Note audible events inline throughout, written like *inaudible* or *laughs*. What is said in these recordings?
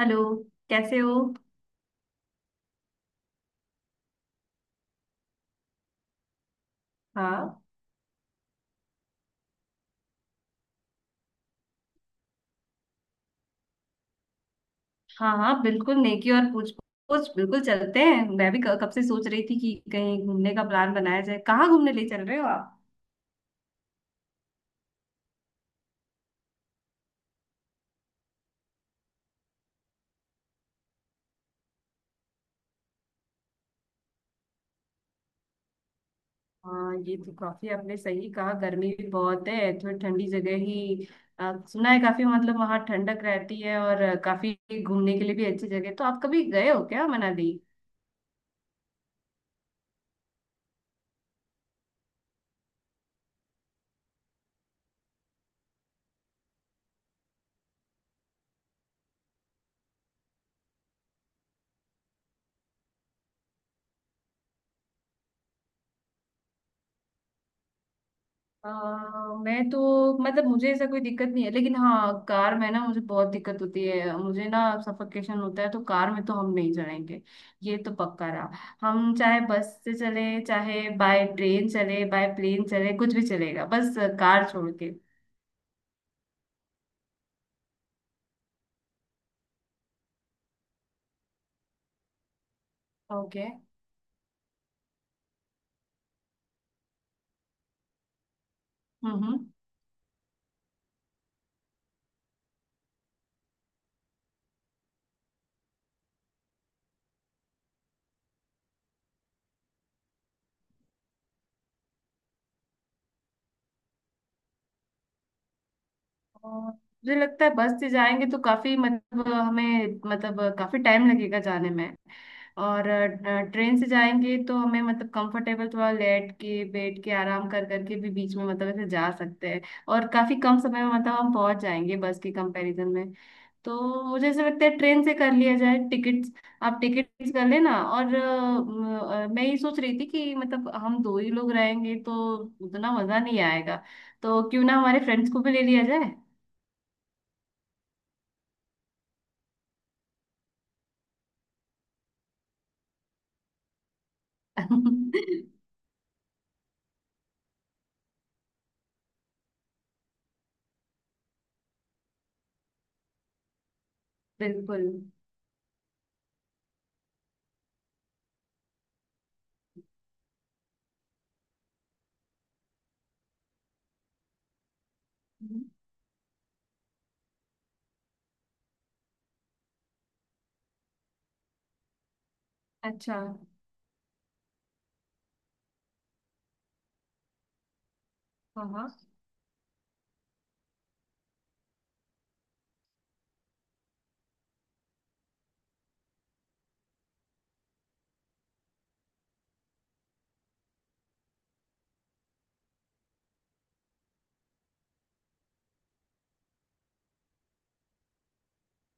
Hello. कैसे हो? हाँ हाँ हाँ बिल्कुल, नेकी और पूछ पूछ। बिल्कुल चलते हैं, मैं भी कब से सोच रही थी कि कहीं घूमने का प्लान बनाया जाए। कहाँ घूमने ले चल रहे हो आप? हाँ, ये तो काफी आपने सही कहा, गर्मी भी बहुत है, थोड़ी ठंडी जगह ही। सुना है काफी मतलब वहाँ ठंडक रहती है, और काफी घूमने के लिए भी अच्छी जगह है। तो आप कभी गए हो क्या मनाली? अ, मैं तो मतलब मुझे ऐसा कोई दिक्कत नहीं है, लेकिन हाँ कार में ना मुझे बहुत दिक्कत होती है, मुझे ना सफोकेशन होता है, तो कार में तो हम नहीं चलेंगे। ये तो पक्का रहा। हम चाहे बस से चले, चाहे बाय ट्रेन चले, बाय प्लेन चले, कुछ भी चलेगा, बस कार छोड़ के। ओके। हम्म और मुझे लगता है बस से जाएंगे तो काफी मतलब हमें मतलब काफी टाइम लगेगा जाने में। और ट्रेन से जाएंगे तो हमें मतलब कंफर्टेबल थोड़ा लेट के बैठ के आराम कर करके भी बीच में मतलब ऐसे जा सकते हैं, और काफी कम समय में मतलब हम पहुंच जाएंगे बस के कंपैरिजन में। तो मुझे ऐसा लगता है ट्रेन से कर लिया जाए टिकट्स। आप टिकट्स कर लेना। और मैं ये सोच रही थी कि मतलब हम दो ही लोग रहेंगे तो उतना मजा नहीं आएगा, तो क्यों ना हमारे फ्रेंड्स को भी ले लिया जाए? *laughs* बिल्कुल। अच्छा। हाँ हाँ।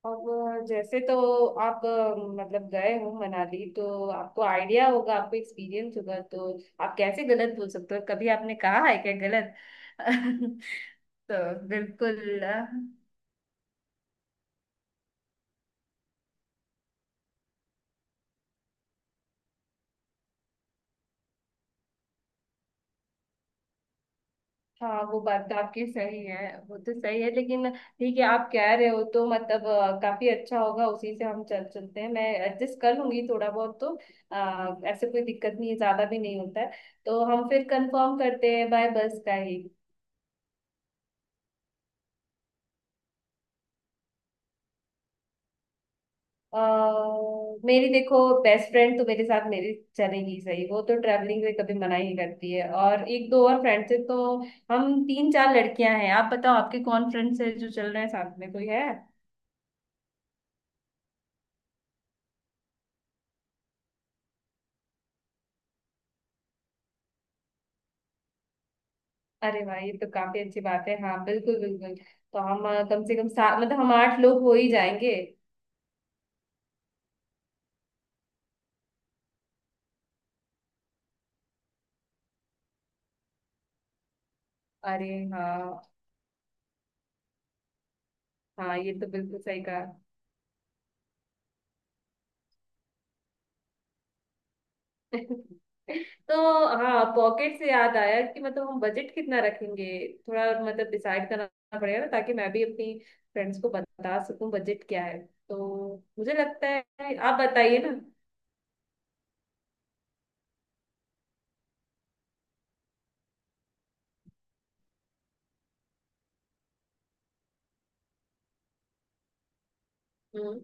अब जैसे तो आप मतलब गए हो मनाली तो आपको आइडिया होगा, आपको एक्सपीरियंस होगा, तो आप कैसे गलत बोल सकते हो? कभी आपने कहा है क्या गलत? *laughs* तो बिल्कुल। हाँ, वो बात तो आपकी सही है। वो तो सही है, लेकिन ठीक है, आप कह रहे हो तो मतलब काफी अच्छा होगा, उसी से हम चल चलते हैं, मैं एडजस्ट कर लूंगी थोड़ा बहुत तो। ऐसे कोई दिक्कत नहीं है, ज्यादा भी नहीं होता है। तो हम फिर कंफर्म करते हैं बाय बस का ही। अ, मेरी देखो बेस्ट फ्रेंड तो मेरे साथ मेरी चलेगी सही, वो तो ट्रैवलिंग में कभी मना ही करती है। और एक दो और फ्रेंड से तो हम तीन चार लड़कियां हैं। आप बताओ, आपके कौन फ्रेंड्स हैं जो चल रहे हैं साथ में? कोई है? अरे वाह, ये तो काफी अच्छी बात है। हाँ, बिल्कुल बिल्कुल। तो हम कम से कम सात मतलब हम आठ लोग हो ही जाएंगे। अरे हाँ। हाँ, ये तो बिल्कुल सही कहा। *laughs* तो हाँ, पॉकेट से याद आया कि मतलब हम बजट कितना रखेंगे? थोड़ा मतलब डिसाइड करना पड़ेगा ना, ताकि मैं भी अपनी फ्रेंड्स को बता सकूं बजट क्या है। तो मुझे लगता है आप बताइए ना। हम्म।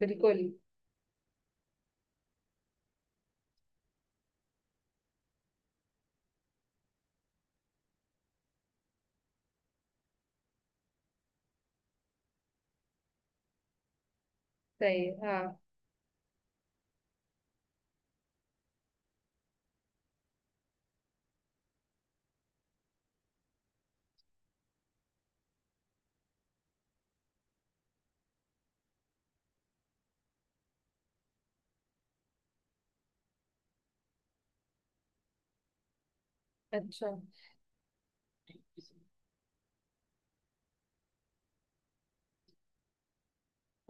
बिल्कुल। सही है। हाँ, अच्छा।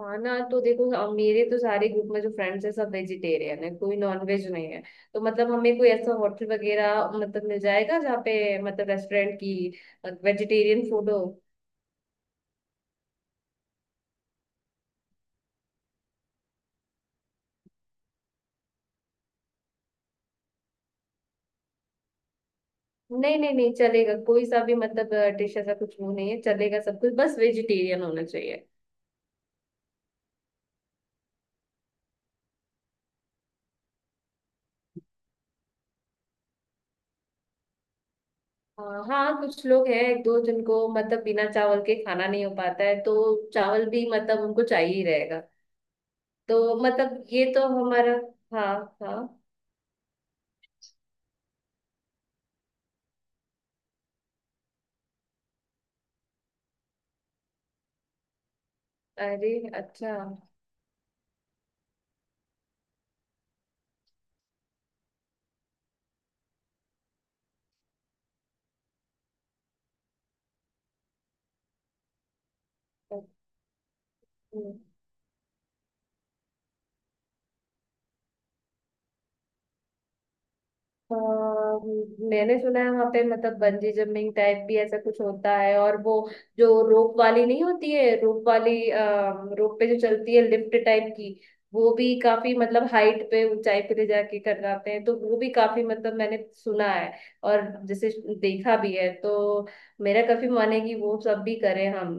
खाना तो देखो, अब मेरे तो सारे ग्रुप में जो फ्रेंड्स है सब वेजिटेरियन है, कोई नॉन वेज नहीं है। तो मतलब हमें कोई ऐसा होटल वगैरह मतलब मिल जाएगा जहाँ पे मतलब रेस्टोरेंट की वेजिटेरियन फूड हो। नहीं नहीं नहीं, चलेगा कोई सा भी मतलब डिश, ऐसा कुछ वो नहीं है, चलेगा सब कुछ, बस वेजिटेरियन होना चाहिए। हाँ हाँ, कुछ लोग हैं एक दो जिनको मतलब बिना चावल के खाना नहीं हो पाता है, तो चावल भी मतलब उनको चाहिए ही रहेगा। तो मतलब ये तो हमारा। हाँ। हाँ। अरे अच्छा। अ, मैंने सुना है वहां पे मतलब बंजी जंपिंग टाइप भी ऐसा कुछ होता है। और वो जो रोप वाली नहीं होती है, रोप वाली रोप पे जो चलती है लिफ्ट टाइप की, वो भी काफी मतलब हाइट पे, ऊंचाई पे ले जाके करवाते हैं, तो वो भी काफी मतलब मैंने सुना है और जैसे देखा भी है, तो मेरा काफी मन है कि वो सब भी करें हम।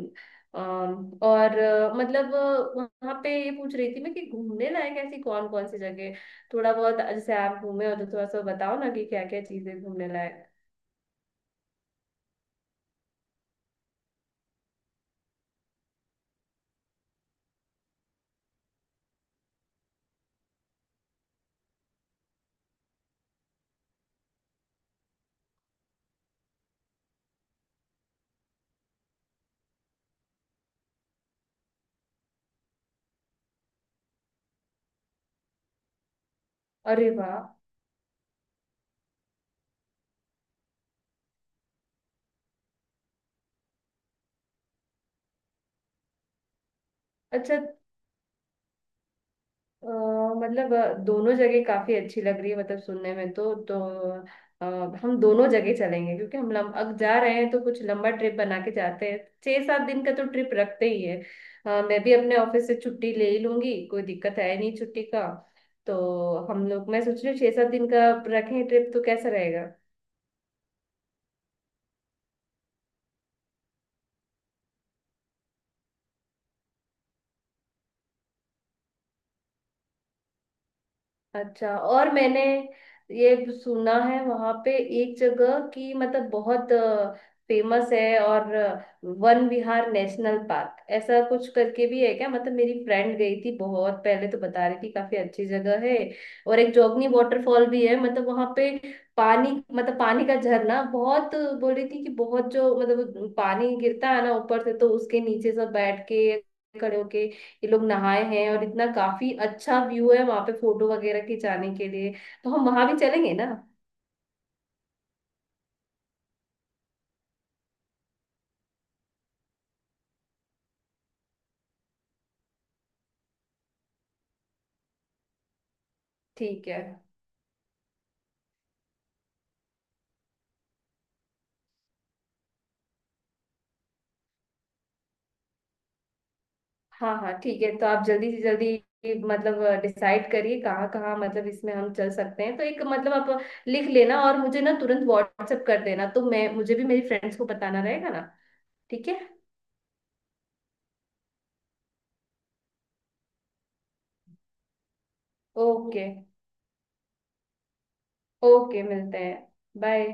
और मतलब वहां पे ये पूछ रही थी मैं कि घूमने लायक ऐसी कौन कौन सी जगह है? थोड़ा बहुत जैसे आप घूमे हो तो थोड़ा सा बताओ ना कि क्या क्या चीजें घूमने लायक। अरे वाह। अच्छा। अ, मतलब दोनों जगह काफी अच्छी लग रही है मतलब सुनने में, तो अ, हम दोनों जगह चलेंगे, क्योंकि हम अब जा रहे हैं तो कुछ लंबा ट्रिप बना के जाते हैं। 6-7 दिन का तो ट्रिप रखते ही है। मैं भी अपने ऑफिस से छुट्टी ले ही लूंगी, कोई दिक्कत है नहीं छुट्टी का। तो हम लोग, मैं सोच रही हूँ, 6-7 दिन का रखें ट्रिप, तो कैसा रहेगा? अच्छा, और मैंने ये सुना है वहां पे एक जगह की मतलब बहुत फेमस है, और वन विहार नेशनल पार्क ऐसा कुछ करके भी है क्या? मतलब मेरी फ्रेंड गई थी बहुत पहले तो बता रही थी काफी अच्छी जगह है। और एक जोगनी वाटरफॉल भी है मतलब वहां पे, पानी मतलब पानी का झरना बहुत, बोल रही थी कि बहुत जो मतलब पानी गिरता है ना ऊपर से, तो उसके नीचे सब बैठ के, खड़े होके ये लोग नहाए हैं, और इतना काफी अच्छा व्यू है वहां पे फोटो वगैरह खिंचाने के लिए। तो हम वहां भी चलेंगे ना? ठीक है। हाँ हाँ ठीक है। तो आप जल्दी से जल्दी मतलब डिसाइड करिए कहाँ कहाँ मतलब इसमें हम चल सकते हैं, तो एक मतलब आप लिख लेना और मुझे ना तुरंत व्हाट्सएप कर देना, तो मैं, मुझे भी मेरी फ्रेंड्स को बताना रहेगा ना। ठीक है। ओके। ओके, मिलते हैं। बाय।